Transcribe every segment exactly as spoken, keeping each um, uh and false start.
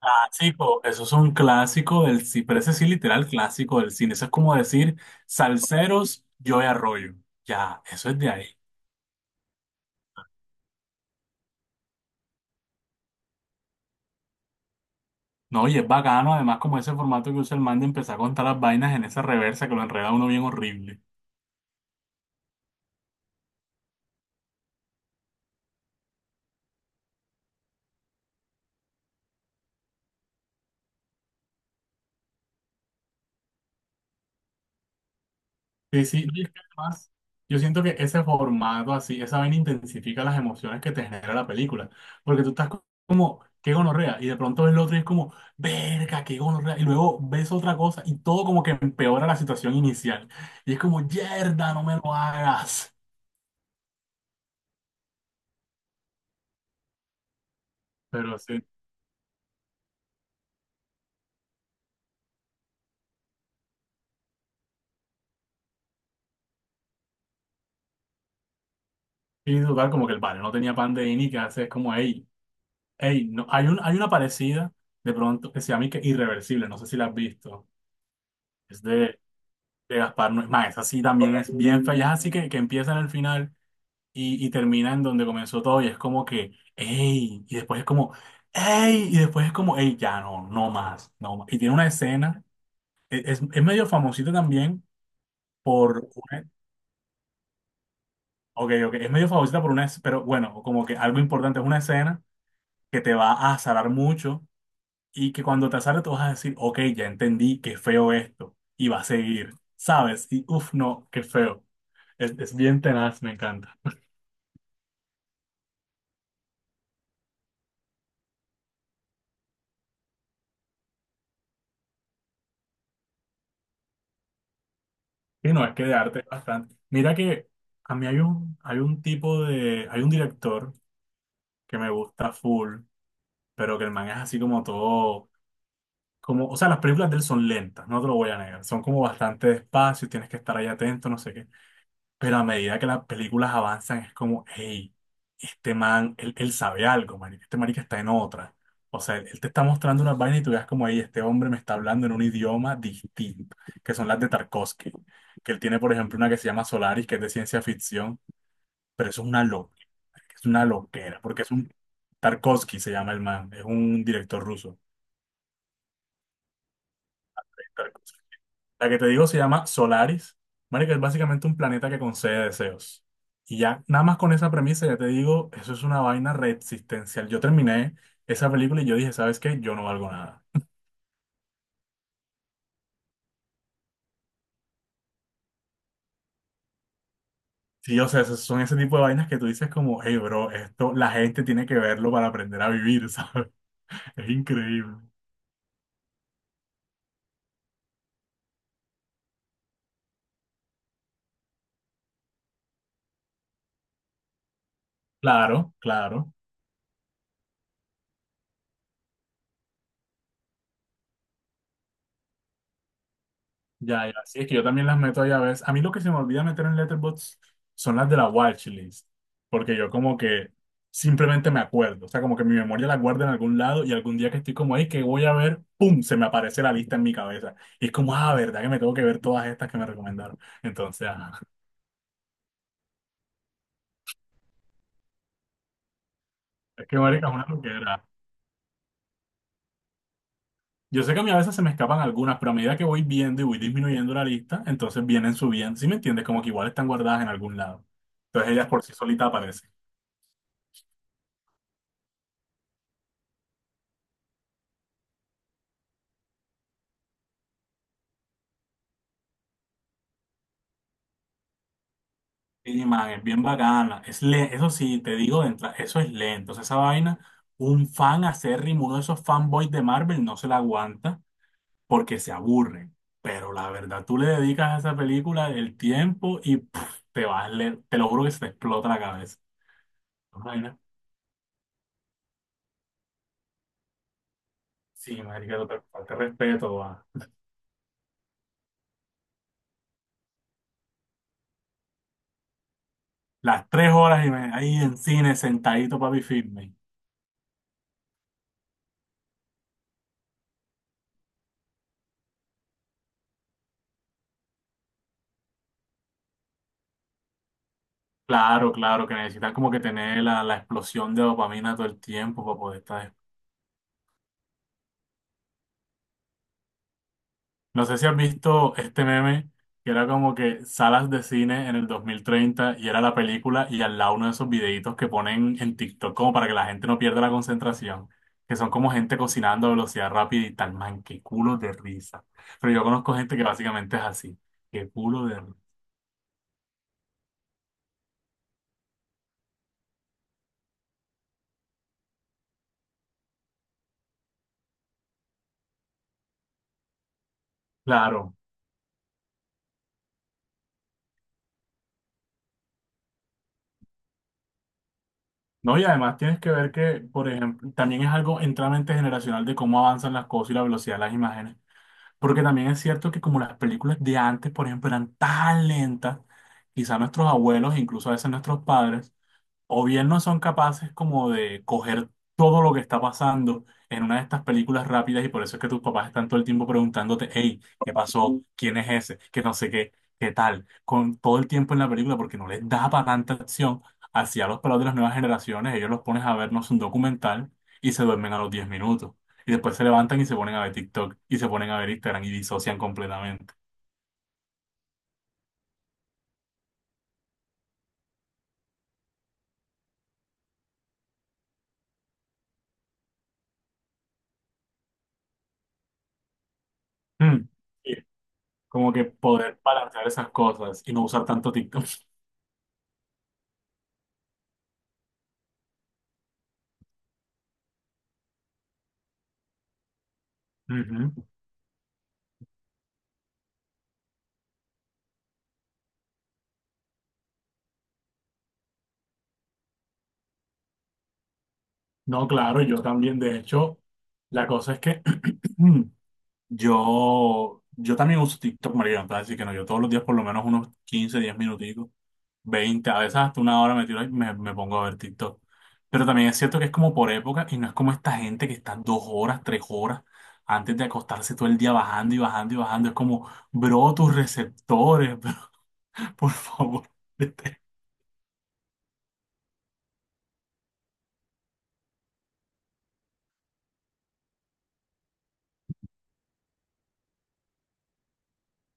Clásico, eso es un clásico del cine, pero ese sí literal clásico del cine. Eso es como decir Salseros, Joey Arroyo. Ya, eso es de ahí. No, y es bacano, además, como ese formato que usa el man de empezar a contar las vainas en esa reversa que lo enreda uno bien horrible. Sí, sí, y es que además, yo siento que ese formato así, esa vaina intensifica las emociones que te genera la película, porque tú estás co- como, qué gonorrea, y de pronto ves lo otro y es como, verga, qué gonorrea, y luego ves otra cosa y todo como que empeora la situación inicial, y es como, yerda, no me lo hagas, pero sí, y total, como que el padre no tenía pan de ni que hace, es como, hey, hey, no, hay un, hay una parecida, de pronto, que se llama y que Irreversible, no sé si la has visto, es de de Gaspar no es más, esa sí también es bien fea, ya es así que, que empieza en el final y, y termina en donde comenzó todo y es como que, ¡ey! Y después es como, ¡ey! Y después es como, ¡ey! Ya no, no más, no más. Y tiene una escena, e- es, es medio famosita también por una, ok, ok, es medio famosita por una, es- pero bueno, como que algo importante es una escena que te va a azarar mucho y que cuando te azare tú vas a decir, ok, ya entendí, qué feo esto, y va a seguir, ¿sabes? Y uff, no, qué feo. Es, es bien tenaz, me encanta. Y no, es que de arte es bastante. Mira que a mí hay un, hay un tipo de, hay un director que me gusta full, pero que el man es así como todo, como, o sea, las películas de él son lentas, no te lo voy a negar, son como bastante despacio, tienes que estar ahí atento, no sé qué. Pero a medida que las películas avanzan, es como, hey, este man, él, él sabe algo, marica. Este marica está en otra. O sea, él, él te está mostrando unas vainas y tú ves como, hey, este hombre me está hablando en un idioma distinto, que son las de Tarkovsky. Que él tiene, por ejemplo, una que se llama Solaris, que es de ciencia ficción, pero eso es una loquera, es una loquera, porque es un... Tarkovsky se llama el man, es un director ruso. La que te digo se llama Solaris. Marica, es básicamente un planeta que concede deseos. Y ya, nada más con esa premisa, ya te digo, eso es una vaina reexistencial. Yo terminé esa película y yo dije, ¿sabes qué? Yo no valgo nada. Sí, o sea, esos son ese tipo de vainas que tú dices como, hey, bro, esto la gente tiene que verlo para aprender a vivir, ¿sabes? Es increíble. Claro, claro. Ya, ya, sí, es que yo también las meto ahí a veces. A mí lo que se me olvida meter en Letterboxd son las de la watchlist, porque yo como que simplemente me acuerdo, o sea, como que mi memoria la guarda en algún lado y algún día que estoy como ahí, que voy a ver, ¡pum!, se me aparece la lista en mi cabeza. Y es como, ah, ¿verdad que me tengo que ver todas estas que me recomendaron? Entonces, ajá. es que, marica, es una loquera. Yo sé que a mí a veces se me escapan algunas, pero a medida que voy viendo y voy disminuyendo la lista, entonces vienen subiendo, ¿sí me entiendes? Como que igual están guardadas en algún lado. Entonces ellas por sí solitas aparecen. Sí, man, es bien bacana. Es le- eso sí, te digo de entrada, eso es lento. O sea, esa vaina, un fan acérrimo, uno de esos fanboys de Marvel no se la aguanta porque se aburre. Pero la verdad, tú le dedicas a esa película el tiempo y pff, te vas, le- te lo juro que se te explota la cabeza. Una vaina, Sí, marica, no te falta respeto, va. Las tres horas y me, ahí en cine, sentadito, papi, firme. Claro, claro, que necesitas como que tener la, la explosión de dopamina todo el tiempo para poder estar. No sé si has visto este meme que era como que salas de cine en el dos mil treinta y era la película y al lado uno de esos videitos que ponen en TikTok como para que la gente no pierda la concentración, que son como gente cocinando a velocidad rápida y tal, man, qué culo de risa. Pero yo conozco gente que básicamente es así, qué culo de risa. Claro. No, y además tienes que ver que, por ejemplo, también es algo enteramente generacional de cómo avanzan las cosas y la velocidad de las imágenes. Porque también es cierto que como las películas de antes, por ejemplo, eran tan lentas, quizá nuestros abuelos, incluso a veces nuestros padres, o bien no son capaces como de coger todo lo que está pasando en una de estas películas rápidas y por eso es que tus papás están todo el tiempo preguntándote, hey, ¿qué pasó? ¿Quién es ese? Que no sé qué, qué tal, con todo el tiempo en la película porque no les da para tanta acción hacia los pelados de las nuevas generaciones, ellos los pones a vernos un documental y se duermen a los diez minutos. Y después se levantan y se ponen a ver TikTok y se ponen a ver Instagram y disocian completamente. Mm. Y Como que poder balancear esas cosas y no usar tanto TikTok. Ujú. No, claro, yo también. De hecho, la cosa es que yo, yo también uso TikTok, María, así que no, yo todos los días por lo menos unos quince diez minuticos, veinte a veces hasta una hora me tiro y me, me pongo a ver TikTok. Pero también es cierto que es como por época y no es como esta gente que está dos horas, tres horas antes de acostarse todo el día bajando y bajando y bajando. Es como, bro, tus receptores, bro, por favor.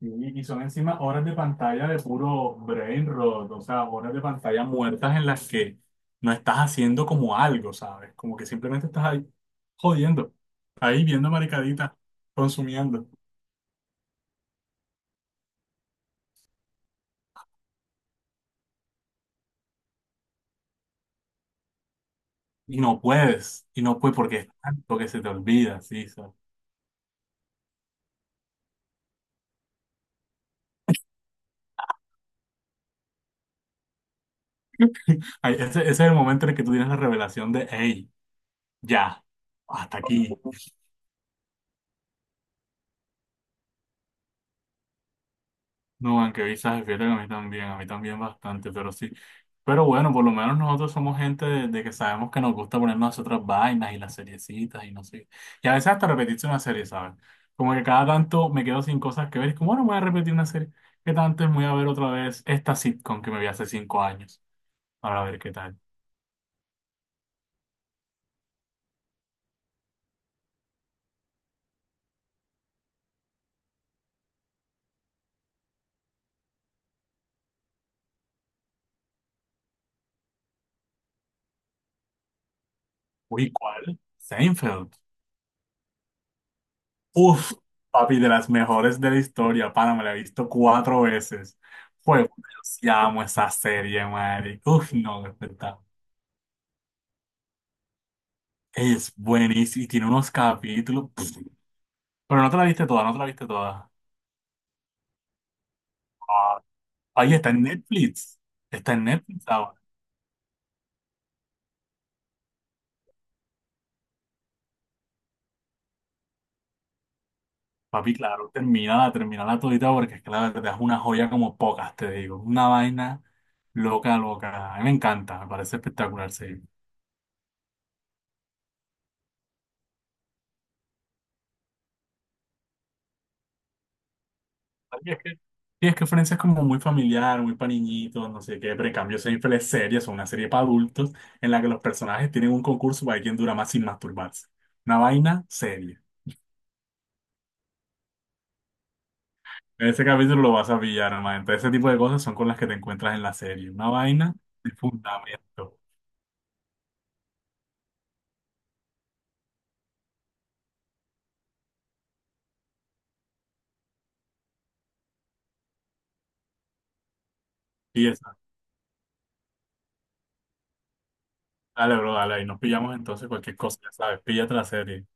Y, y son encima horas de pantalla de puro brain rot, o sea, horas de pantalla muertas en las que no estás haciendo como algo, ¿sabes? Como que simplemente estás ahí jodiendo, ahí viendo maricaditas, consumiendo. Y no puedes, y no puedes porque es tanto que se te olvida, sí, ¿sabes? Ahí, ese, ese es el momento en el que tú tienes la revelación de, hey, ya, hasta aquí. No, aunque visajes, fíjate que a mí también, a mí también bastante, pero sí. Pero bueno, por lo menos nosotros somos gente de, de que sabemos que nos gusta ponernos otras vainas y las seriecitas y no sé. Y a veces hasta repetirse una serie, ¿sabes? Como que cada tanto me quedo sin cosas que ver. Es como, bueno, voy a repetir una serie. ¿Qué tanto es? Voy a ver otra vez esta sitcom que me vi hace cinco años. Para ver qué tal. Uy, ¿cuál? Seinfeld. Uf, papi, de las mejores de la historia, pana, me la he visto cuatro veces. Fue, yo sí amo esa serie, madre. Uf, no, es verdad. Es buenísima y tiene unos capítulos. pff, Pero no te la viste toda, no te la viste toda. Ah, Ahí está en Netflix. Está en Netflix ahora. Papi, claro, termínala, termínala todita porque es que la verdad es una joya como pocas, te digo. Una vaina loca, loca. A mí me encanta, me parece espectacular, sí. Y es que, y es que Friends es como muy familiar, muy para niñitos, no sé qué, pero en cambio Seinfeld es serie, es una serie para adultos en la que los personajes tienen un concurso para ver quién dura más sin masturbarse. Una vaina seria. En ese capítulo lo vas a pillar, hermano. Entonces, ese tipo de cosas son con las que te encuentras en la serie. Una vaina de fundamento. Y esa. Dale, bro, dale, ahí nos pillamos entonces cualquier cosa, ya sabes, píllate la serie.